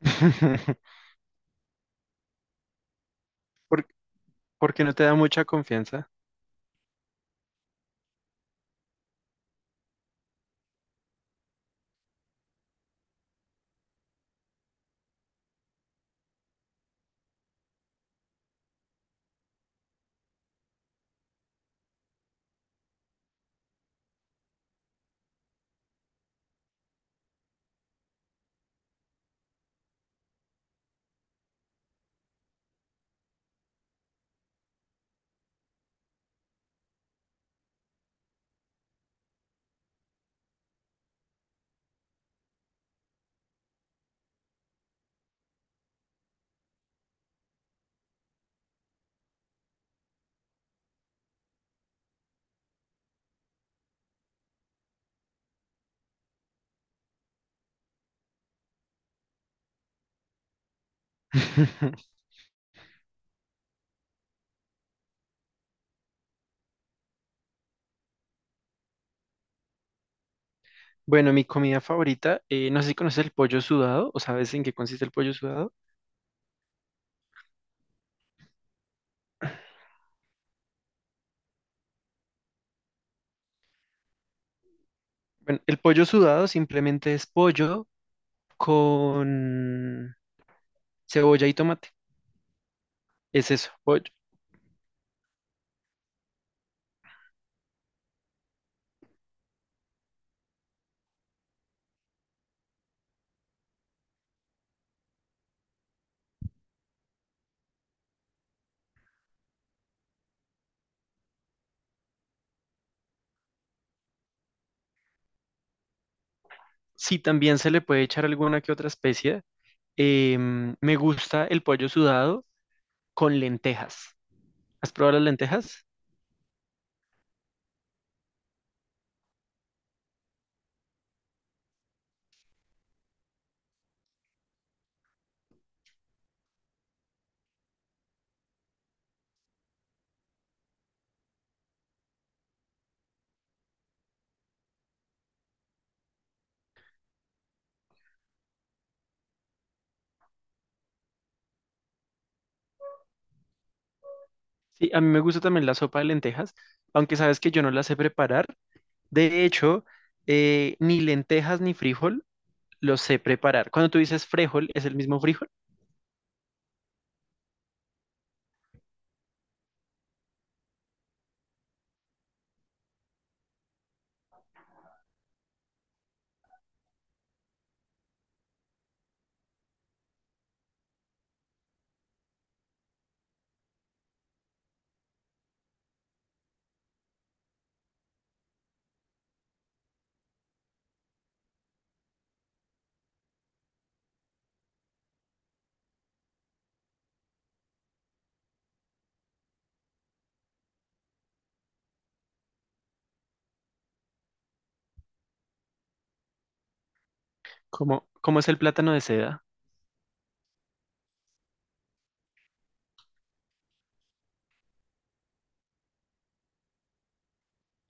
¿Por, por qué no te da mucha confianza? Bueno, mi comida favorita, no sé si conoces el pollo sudado o sabes en qué consiste el pollo sudado. Bueno, el pollo sudado simplemente es pollo con cebolla y tomate. Es eso, pollo. Sí, también se le puede echar alguna que otra especia. Me gusta el pollo sudado con lentejas. ¿Has probado las lentejas? Sí, a mí me gusta también la sopa de lentejas, aunque sabes que yo no la sé preparar. De hecho, ni lentejas ni frijol los sé preparar. Cuando tú dices frijol, ¿es el mismo frijol? ¿Cómo es el plátano de seda?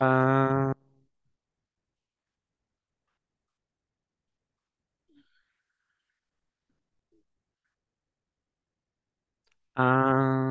Ah, ah.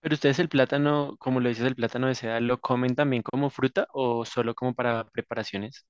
Pero ustedes el plátano, como lo dices, el plátano de seda, ¿lo comen también como fruta o solo como para preparaciones?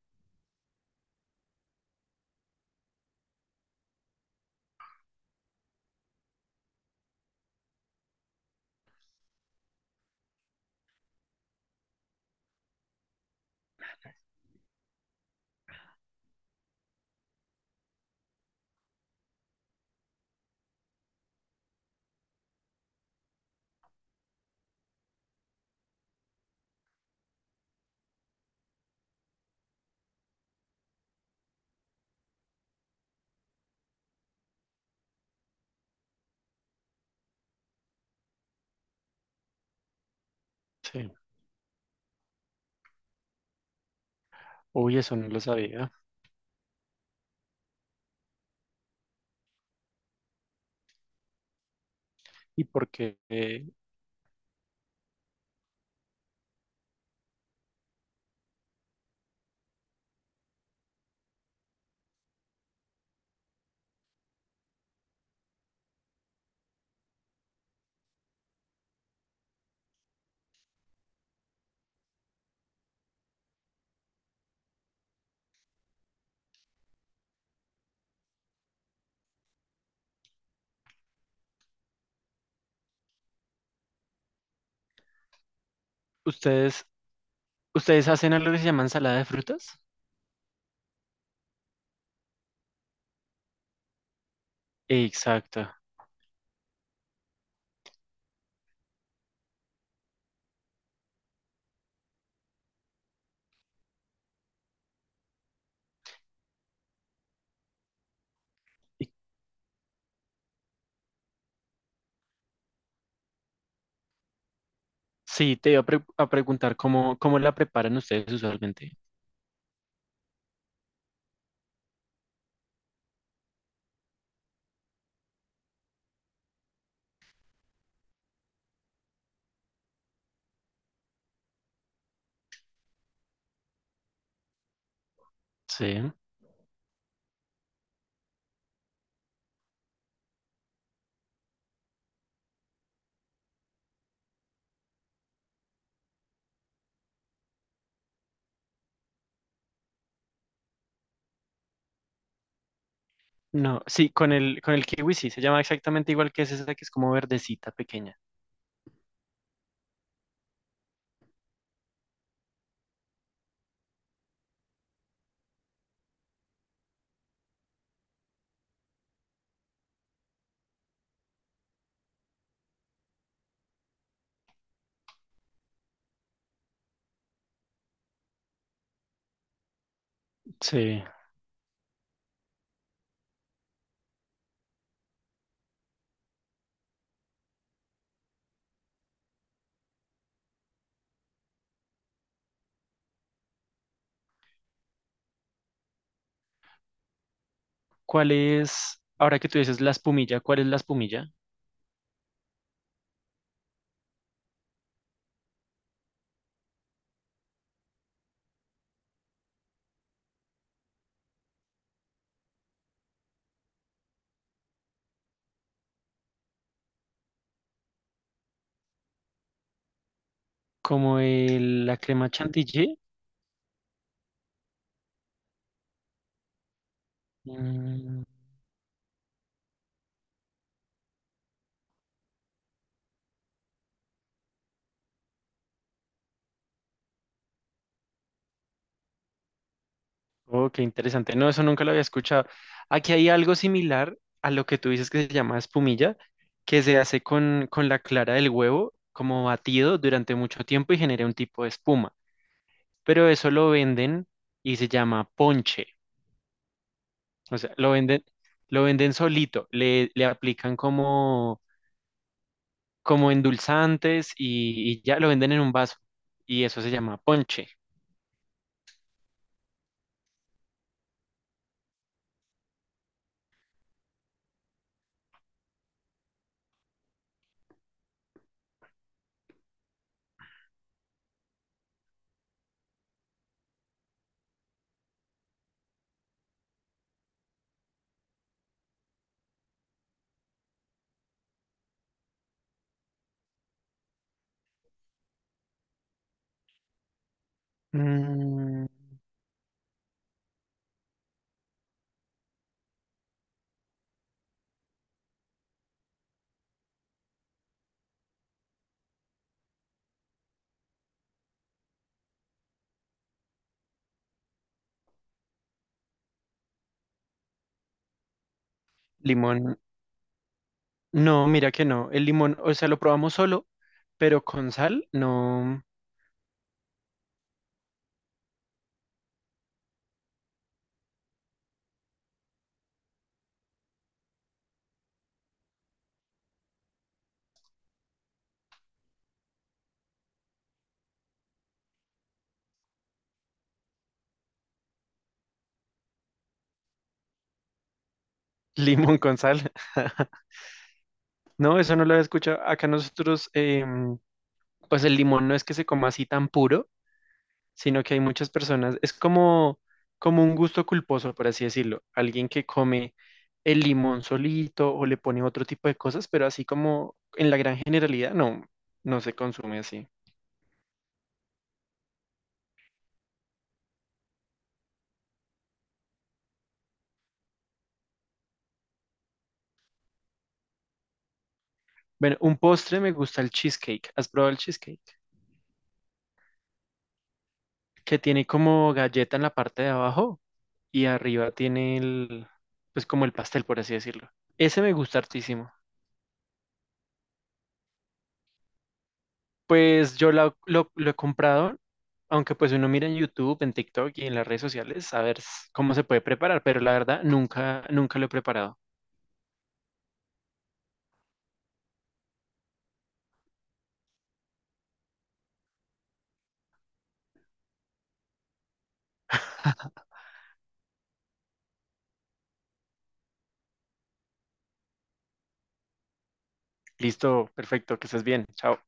Sí. Uy, eso no lo sabía. ¿Y por qué ustedes, ustedes hacen algo que se llama ensalada de frutas? Exacto. Y- Sí, te iba a, preguntar cómo la preparan ustedes usualmente. Sí. No, sí, con el kiwi sí, se llama exactamente igual que es esa que es como verdecita pequeña. Sí. ¿Cuál es, ahora que tú dices la espumilla, cuál es la espumilla? ¿Como la crema chantilly? Mm, oh, qué interesante. No, eso nunca lo había escuchado. Aquí hay algo similar a lo que tú dices que se llama espumilla, que se hace con la clara del huevo, como batido durante mucho tiempo y genera un tipo de espuma. Pero eso lo venden y se llama ponche. O sea, lo venden solito, le aplican como, como endulzantes y ya lo venden en un vaso. Y eso se llama ponche. Mm, limón, no, mira que no. El limón, o sea, lo probamos solo, pero con sal, no. Limón con sal. No, eso no lo había escuchado. Acá nosotros, em, pues el limón no es que se coma así tan puro, sino que hay muchas personas, es como, como un gusto culposo, por así decirlo, alguien que come el limón solito o le pone otro tipo de cosas, pero así como en la gran generalidad no, no se consume así. Bueno, un postre, me gusta el cheesecake. ¿Has probado el cheesecake? Que tiene como galleta en la parte de abajo y arriba tiene el, pues como el pastel, por así decirlo. Ese me gusta hartísimo. Pues yo lo he comprado, aunque pues uno mira en YouTube, en TikTok y en las redes sociales a ver cómo se puede preparar, pero la verdad nunca, nunca lo he preparado. Listo, perfecto, que estés bien, chao.